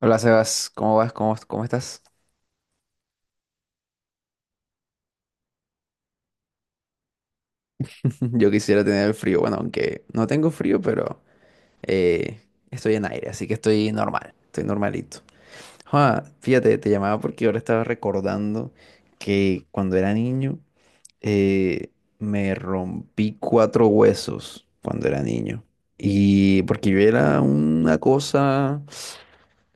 Hola Sebas, ¿cómo vas? ¿Cómo estás? Yo quisiera tener el frío, bueno, aunque no tengo frío, pero eh, estoy en aire, así que estoy normal, estoy normalito. Ah, fíjate, te llamaba porque ahora estaba recordando que cuando era niño eh, me rompí cuatro huesos cuando era niño. Y porque yo era una cosa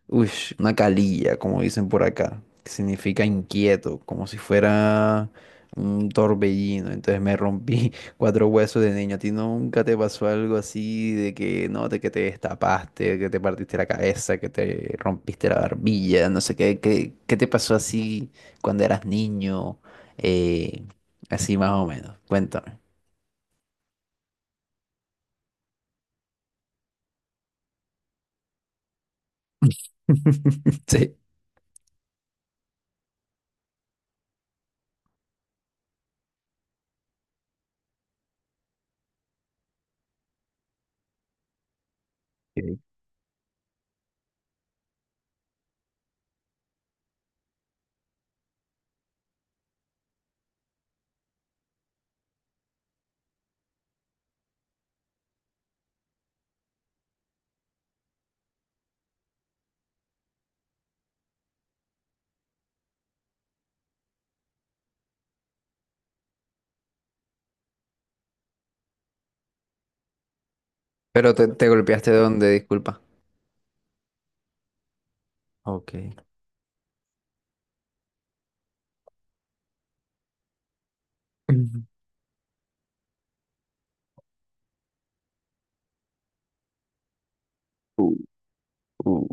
Uy, una calilla, como dicen por acá, que significa inquieto, como si fuera un torbellino. Entonces me rompí cuatro huesos de niño. ¿A ti nunca te pasó algo así de que no, de que te destapaste, que te partiste la cabeza, que te rompiste la barbilla, no sé qué, qué te pasó así cuando eras niño? Eh, Así más o menos. Cuéntame. Sí. Ok. Pero te golpeaste donde, disculpa. Ok. Ujú. Uh,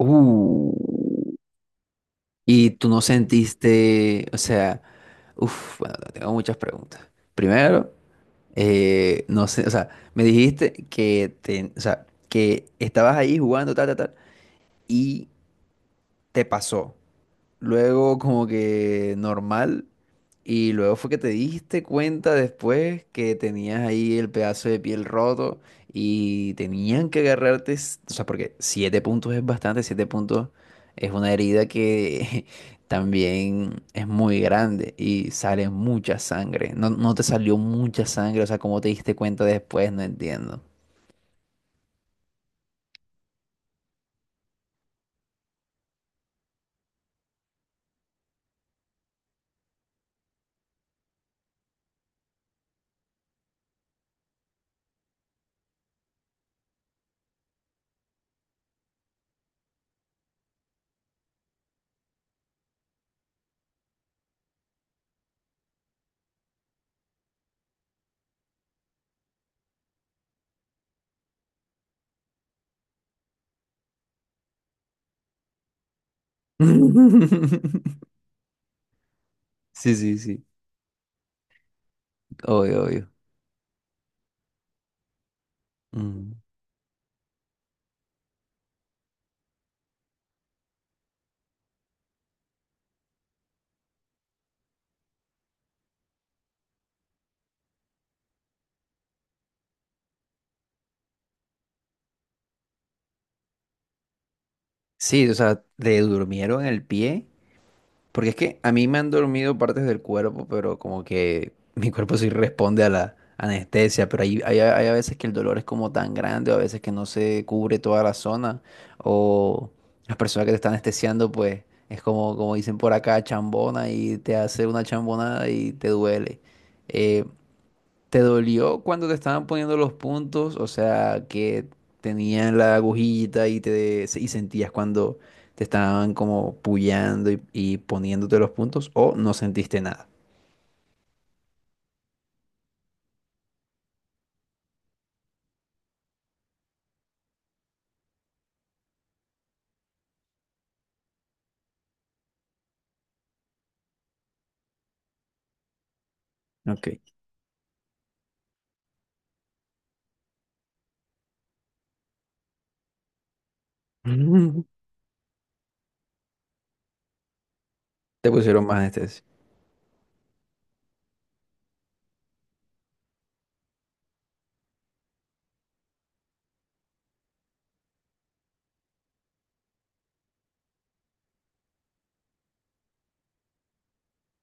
Uh, y tú no sentiste, o sea, uff, bueno, tengo muchas preguntas. Primero, no sé, o sea, me dijiste que te, o sea, que estabas ahí jugando, tal, tal, tal, y te pasó luego como que normal, y luego fue que te diste cuenta después que tenías ahí el pedazo de piel roto y tenían que agarrarte, o sea, porque siete puntos es bastante, siete puntos es una herida que también es muy grande y sale mucha sangre. No, no te salió mucha sangre, o sea, ¿cómo te diste cuenta después? No entiendo. Sí, sí, sí, obvio, obvio. Mm. Sí, o sea, te durmieron el pie. Porque es que a mí me han dormido partes del cuerpo, pero como que mi cuerpo sí responde a la anestesia, pero hay a veces que el dolor es como tan grande, o a veces que no se cubre toda la zona, o las personas que te están anestesiando, pues es como, como dicen por acá, chambona y te hace una chambonada y te duele. Eh, ¿Te dolió cuando te estaban poniendo los puntos? O sea, que tenían la agujita y te y sentías cuando te estaban como puyando y poniéndote los puntos, o no sentiste nada. Ok. Te pusieron más anestesia.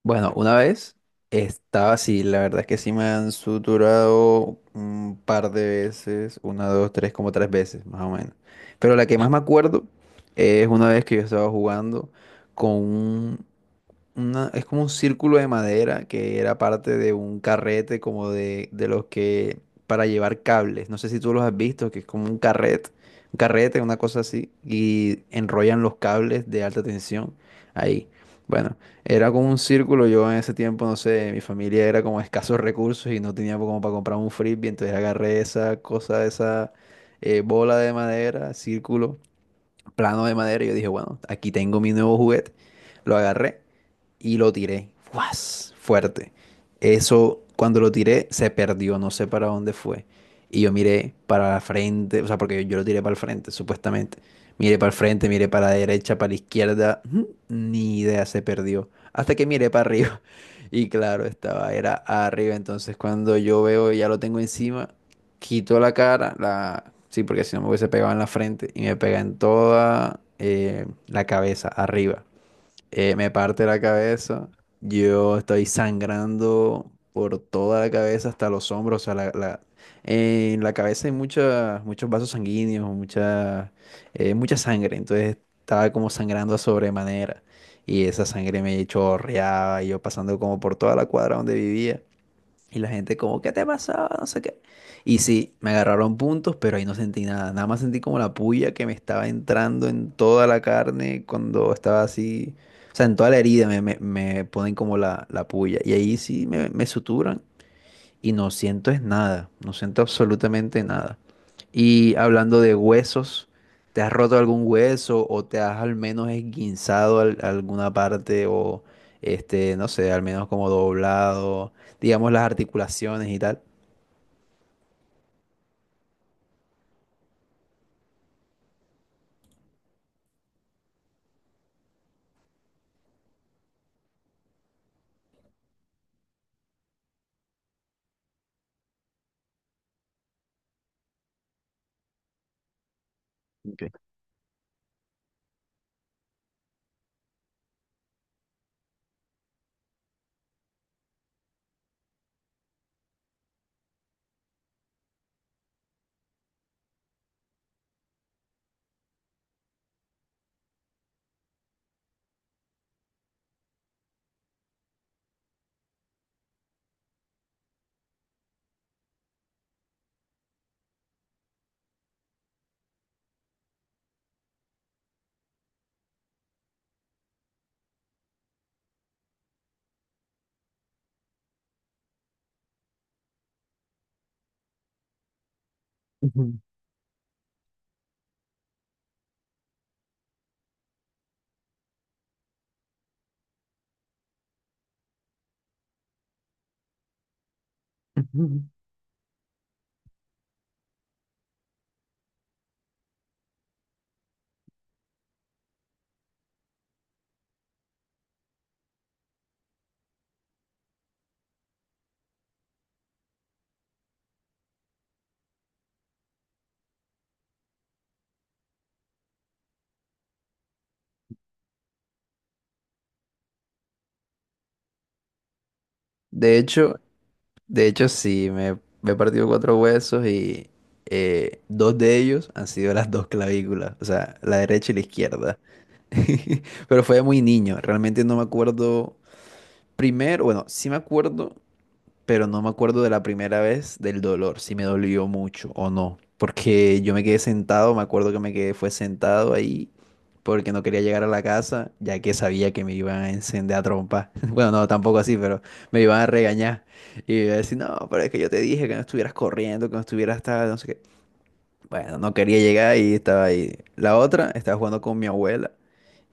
Bueno, una vez estaba así, la verdad es que sí me han suturado un par de veces, una, dos, tres, como tres veces, más o menos. Pero la que más me acuerdo es una vez que yo estaba jugando con un es como un círculo de madera que era parte de un carrete como de los que para llevar cables. No sé si tú los has visto, que es como un carrete, una cosa así, y enrollan los cables de alta tensión ahí. Bueno, era como un círculo. Yo en ese tiempo, no sé, mi familia era como escasos recursos y no tenía como para comprar un frisbee, entonces agarré esa cosa, esa bola de madera, círculo, plano de madera, y yo dije, bueno, aquí tengo mi nuevo juguete. Lo agarré y lo tiré. ¡Guas! Fuerte. Eso, cuando lo tiré, se perdió, no sé para dónde fue. Y yo miré para la frente, o sea, porque yo lo tiré para el frente, supuestamente. Miré para el frente, miré para la derecha, para la izquierda, ujú, ni idea, se perdió. Hasta que miré para arriba. Y claro, estaba, era arriba. Entonces, cuando yo veo, ya lo tengo encima, quito la cara, la... Sí, porque si no me hubiese pegado en la frente y me pega en toda la cabeza, arriba me parte la cabeza, yo estoy sangrando por toda la cabeza hasta los hombros, o sea, en la cabeza hay muchas, muchos vasos sanguíneos, mucha sangre, entonces estaba como sangrando a sobremanera y esa sangre me chorreaba y yo pasando como por toda la cuadra donde vivía. Y la gente como, ¿qué te pasó? No sé qué. Y sí, me agarraron puntos, pero ahí no sentí nada. Nada más sentí como la puya que me estaba entrando en toda la carne cuando estaba así. O sea, en toda la herida me ponen como la puya. Y ahí sí me suturan y no siento es nada, no siento absolutamente nada. Y hablando de huesos, ¿te has roto algún hueso o te has al menos esguinzado alguna parte o este, no sé, al menos como doblado, digamos las articulaciones y tal? Ok. Ujú, ujú. De hecho, de hecho sí, me he partido cuatro huesos y dos de ellos han sido las dos clavículas, o sea, la derecha y la izquierda. Pero fue muy niño, realmente no me acuerdo. Primero, bueno, sí me acuerdo, pero no me acuerdo de la primera vez del dolor, si me dolió mucho o no, porque yo me quedé sentado, me acuerdo que me quedé, fue sentado ahí, porque no quería llegar a la casa, ya que sabía que me iban a encender a trompa. Bueno, no, tampoco así, pero me iban a regañar. Y iba a decir, no, pero es que yo te dije que no estuvieras corriendo, que no estuvieras tal, no sé qué. Bueno, no quería llegar y estaba ahí. La otra, estaba jugando con mi abuela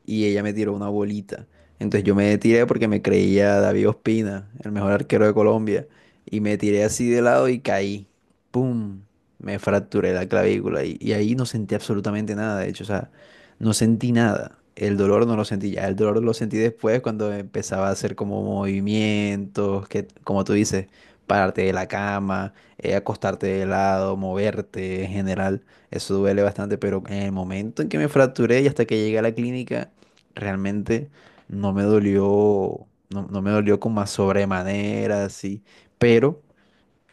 y ella me tiró una bolita. Entonces yo me tiré porque me creía David Ospina, el mejor arquero de Colombia, y me tiré así de lado y caí. ¡Pum! Me fracturé la clavícula y ahí no sentí absolutamente nada, de hecho, o sea, no sentí nada. El dolor no lo sentí ya, el dolor lo sentí después cuando empezaba a hacer como movimientos, que como tú dices, pararte de la cama, acostarte de lado, moverte en general. Eso duele bastante, pero en el momento en que me fracturé y hasta que llegué a la clínica, realmente no me dolió, no, no me dolió como a sobremanera, así, pero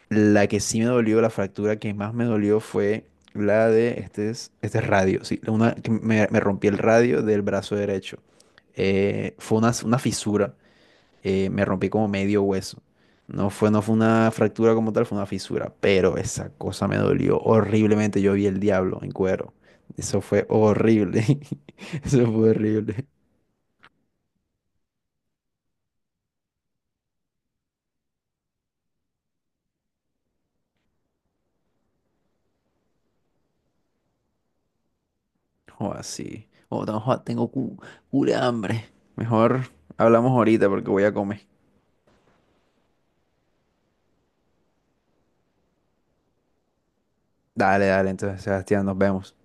la que sí me dolió, la fractura que más me dolió fue la de este, este es radio, sí, una, que me rompí el radio del brazo derecho. Fue una fisura, me rompí como medio hueso. No fue una fractura como tal, fue una fisura, pero esa cosa me dolió horriblemente. Yo vi el diablo en cuero. Eso fue horrible. Eso fue horrible. O así. O tengo cura de hambre. Mejor hablamos ahorita porque voy a comer. Dale, dale, entonces, Sebastián, nos vemos.